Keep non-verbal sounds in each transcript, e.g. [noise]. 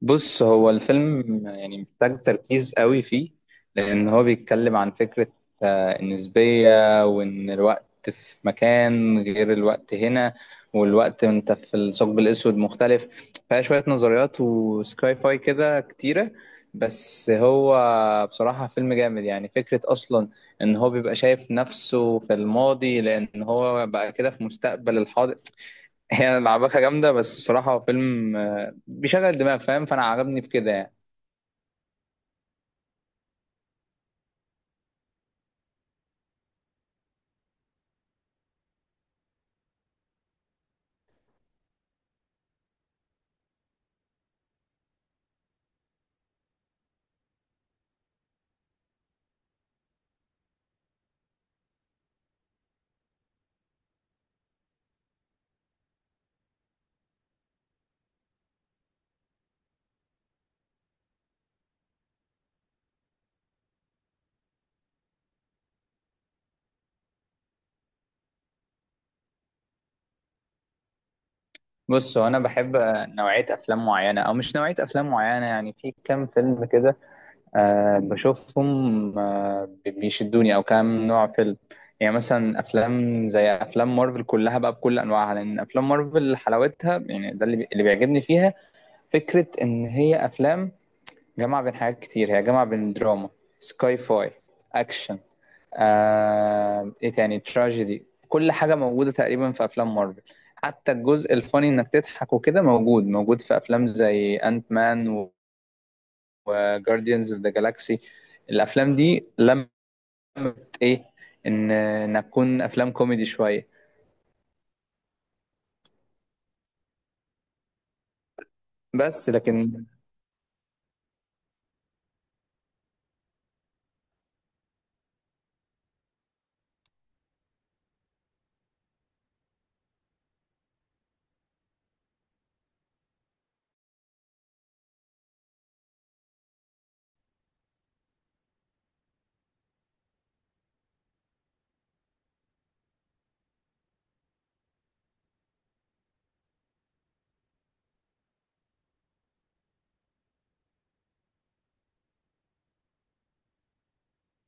بص، هو الفيلم يعني محتاج تركيز قوي فيه، لأن هو بيتكلم عن فكرة النسبية وإن الوقت في مكان غير الوقت هنا، والوقت وأنت في الثقب الأسود مختلف. فيها شوية نظريات وسكاي فاي كده كتيرة. بس هو بصراحة فيلم جامد، يعني فكرة أصلا إن هو بيبقى شايف نفسه في الماضي لأن هو بقى كده في مستقبل الحاضر، هي لعبكة جامدة. بس بصراحة هو فيلم بيشغل الدماغ، فاهم؟ فأنا عجبني في كده يعني. بص، هو أنا بحب نوعية أفلام معينة أو مش نوعية أفلام معينة، يعني في كام فيلم كده بشوفهم بيشدوني، أو كام نوع فيلم. يعني مثلا أفلام زي أفلام مارفل كلها بقى بكل أنواعها، لأن أفلام مارفل حلاوتها يعني ده اللي بيعجبني فيها. فكرة إن هي أفلام جامعة بين حاجات كتير، هي جامعة بين دراما، سكاي فاي، أكشن، ايه تاني، تراجيدي، كل حاجه موجوده تقريبا في افلام مارفل. حتى الجزء الفاني، انك تضحك وكده، موجود في افلام زي انت مان وجارديانز اوف ذا جالاكسي. الافلام دي لمت ايه؟ انك تكون افلام كوميدي شويه بس. لكن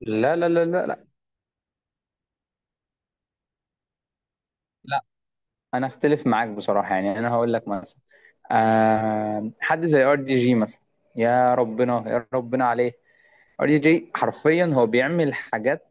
لا لا لا لا لا لا، انا اختلف معاك بصراحه. يعني انا هقول لك مثلا، آه، حد زي ار دي جي مثلا. يا ربنا يا ربنا عليه! ار دي جي حرفيا هو بيعمل حاجات.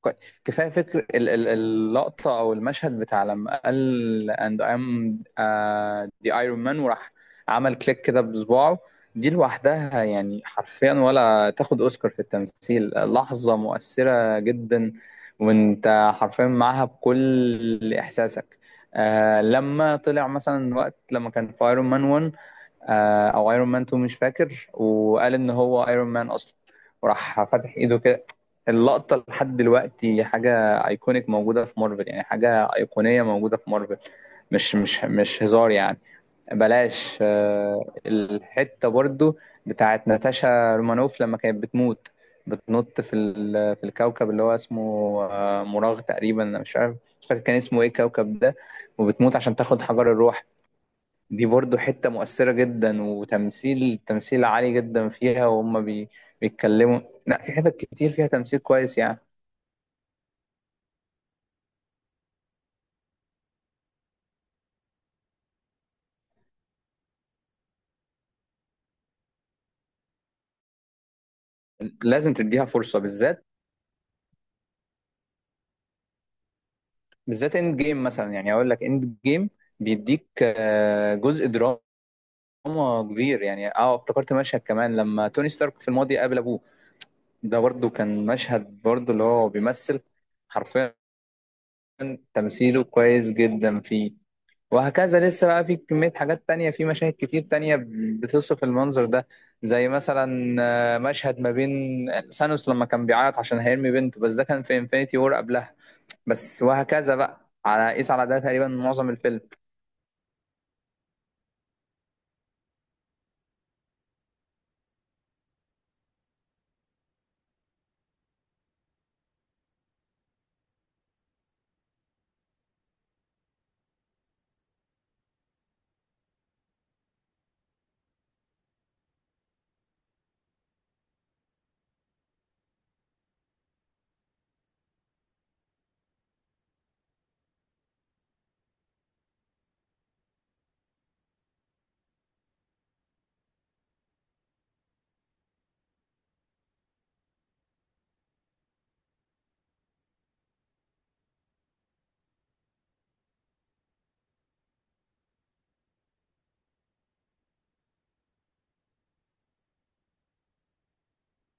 كوي- كفايه فكر اللقطه او المشهد بتاع لما قال and I'm the Iron Man وراح عمل كليك كده بصباعه. دي لوحدها يعني حرفيا ولا تاخد اوسكار في التمثيل، لحظه مؤثره جدا وانت حرفيا معاها بكل احساسك. آه لما طلع مثلا، وقت لما كان في ايرون مان 1 آه، او ايرون مان 2، مش فاكر، وقال ان هو ايرون مان اصلا وراح فاتح ايده كده. اللقطة لحد دلوقتي حاجة ايكونيك موجودة في مارفل، يعني حاجة ايقونية موجودة في مارفل. مش هزار يعني. بلاش الحتة برضو بتاعت ناتاشا رومانوف لما كانت بتموت، بتنط في في الكوكب اللي هو اسمه مراغ تقريبا، انا مش عارف، مش فاكر كان اسمه ايه الكوكب ده، وبتموت عشان تاخد حجر الروح. دي برضو حتة مؤثرة جدا، وتمثيل تمثيل عالي جدا فيها وهم بيتكلموا. لا، في حتت كتير فيها تمثيل كويس يعني. لازم تديها فرصه، بالذات بالذات اند جيم مثلا. يعني اقول لك اند جيم بيديك جزء دراما كبير. يعني اه افتكرت مشهد كمان، لما توني ستارك في الماضي قابل ابوه، ده برضو كان مشهد برضو اللي هو بيمثل حرفيا، تمثيله كويس جدا فيه. وهكذا، لسه بقى في كمية حاجات تانية في مشاهد كتير تانية بتصف المنظر ده. زي مثلا مشهد ما بين سانوس لما كان بيعيط عشان هيرمي بنته، بس ده كان في انفينيتي وور قبلها. بس وهكذا بقى، على قيس على ده تقريبا معظم الفيلم.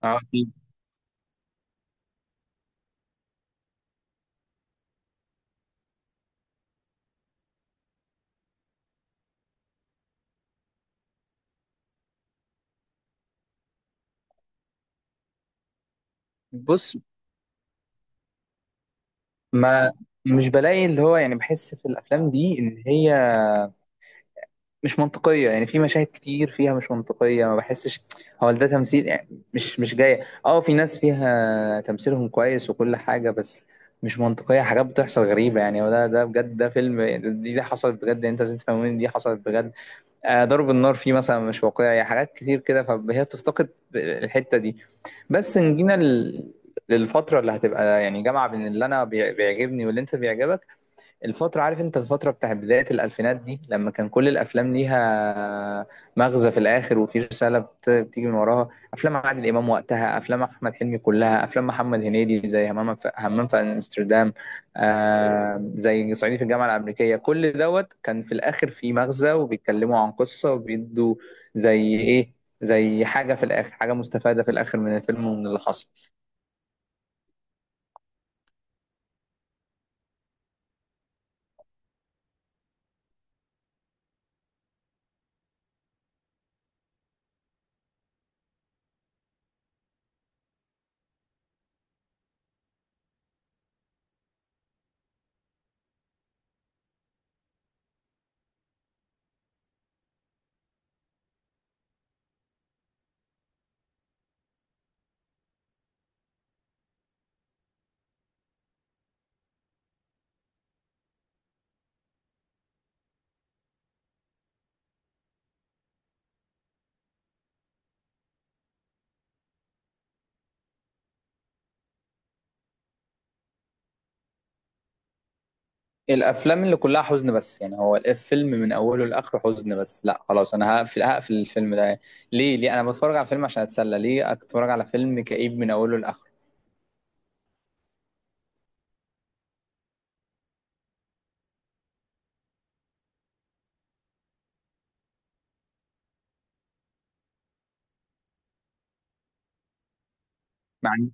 اه اكيد. بص، ما مش بلاقي اللي هو، يعني بحس في الافلام دي ان هي مش منطقيه، يعني في مشاهد كتير فيها مش منطقيه. ما بحسش هو ده تمثيل يعني، مش جايه. اه في ناس فيها تمثيلهم كويس وكل حاجه، بس مش منطقيه، حاجات بتحصل غريبه يعني. وده ده بجد، ده فيلم يعني، دي حصلت بجد، انت لازم تفهموني دي حصلت بجد. ضرب النار فيه مثلا مش واقعي، حاجات كتير كده، فهي بتفتقد الحتة دي. بس نجينا للفترة اللي هتبقى يعني جامعة بين اللي أنا بيعجبني واللي أنت بيعجبك. الفترة، عارف انت الفترة بتاع بداية الألفينات دي، لما كان كل الأفلام ليها مغزى في الآخر وفي رسالة بتيجي من وراها. أفلام عادل إمام وقتها، أفلام أحمد حلمي كلها، أفلام محمد هنيدي زي همام في همام في أمستردام، آه زي صعيدي في الجامعة الأمريكية، كل دوت كان في الآخر في مغزى وبيتكلموا عن قصة وبيدوا زي إيه، زي حاجة في الآخر، حاجة مستفادة في الآخر من الفيلم ومن اللي حصل. الافلام اللي كلها حزن بس، يعني هو الفيلم من اوله لاخره حزن بس، لا خلاص، انا هقفل، الفيلم ده. ليه ليه انا بتفرج على فيلم؟ عشان اتسلى. ليه اتفرج على فيلم كئيب من اوله لاخره؟ ما عن-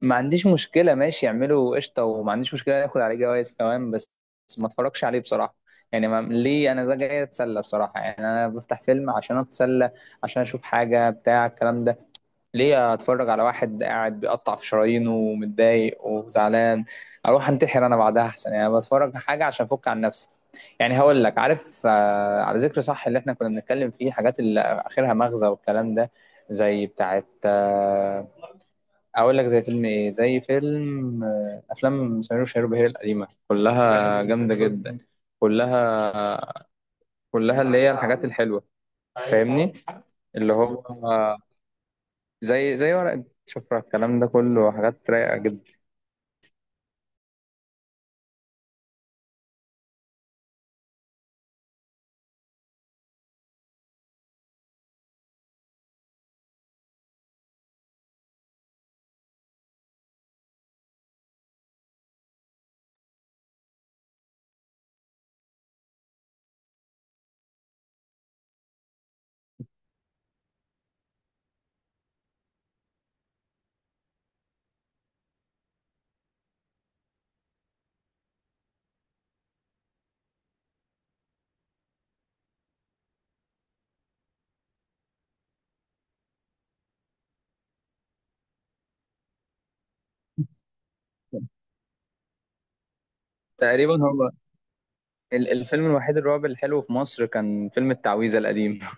ما عنديش مشكله، ماشي يعملوا قشطه، وما عنديش مشكله ياخد عليه جوائز كمان، بس بس ما اتفرجش عليه بصراحه. يعني ما ليه؟ انا ده جاي اتسلى بصراحه، يعني انا بفتح فيلم عشان اتسلى، عشان اشوف حاجه بتاع الكلام ده. ليه اتفرج على واحد قاعد بيقطع في شرايينه ومتضايق وزعلان؟ اروح انتحر انا بعدها احسن يعني. بتفرج حاجه عشان افك عن نفسي. يعني هقول لك، عارف، على ذكر صح، اللي احنا كنا بنتكلم فيه، حاجات اللي اخرها مغزى والكلام ده، زي بتاعت اقول لك زي فيلم ايه، زي فيلم افلام سمير وشهير وبهير القديمه، كلها جامده جدا، كلها كلها اللي هي الحاجات الحلوه. فاهمني؟ اللي هو زي زي ورقة شفرة، الكلام ده كله، حاجات رايقة جدا. تقريبا هو الفيلم الوحيد الرعب الحلو في مصر كان فيلم التعويذة القديم. [laughs]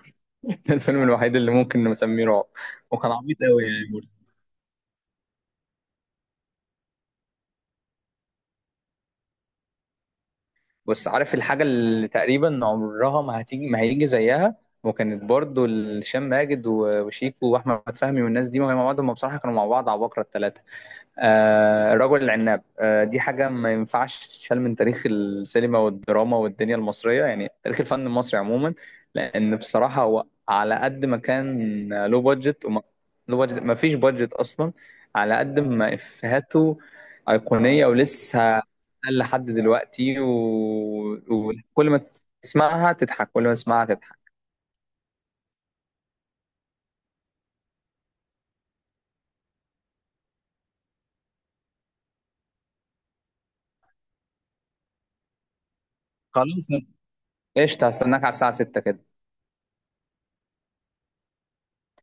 ده الفيلم الوحيد اللي ممكن نسميه رعب، وكان عبيط قوي يعني برضه. بس عارف الحاجة اللي تقريبا عمرها ما هتيجي، ما هيجي زيها، وكانت برضه هشام ماجد وشيكو واحمد فهمي والناس دي، وهي مع بعض، هم بصراحة كانوا مع بعض عباقرة الثلاثة. آه رجل العناب، آه، دي حاجة ما ينفعش تتشال من تاريخ السينما والدراما والدنيا المصرية، يعني تاريخ الفن المصري عموما. لأن بصراحة هو على قد ما كان، لو بادجت، ما فيش بادجت أصلا، على قد ما إفيهاته أيقونية ولسه لحد دلوقتي، وكل ما تسمعها تضحك، كل ما تسمعها تضحك. خلاص، قشطة، هستناك على الساعة 6 كده.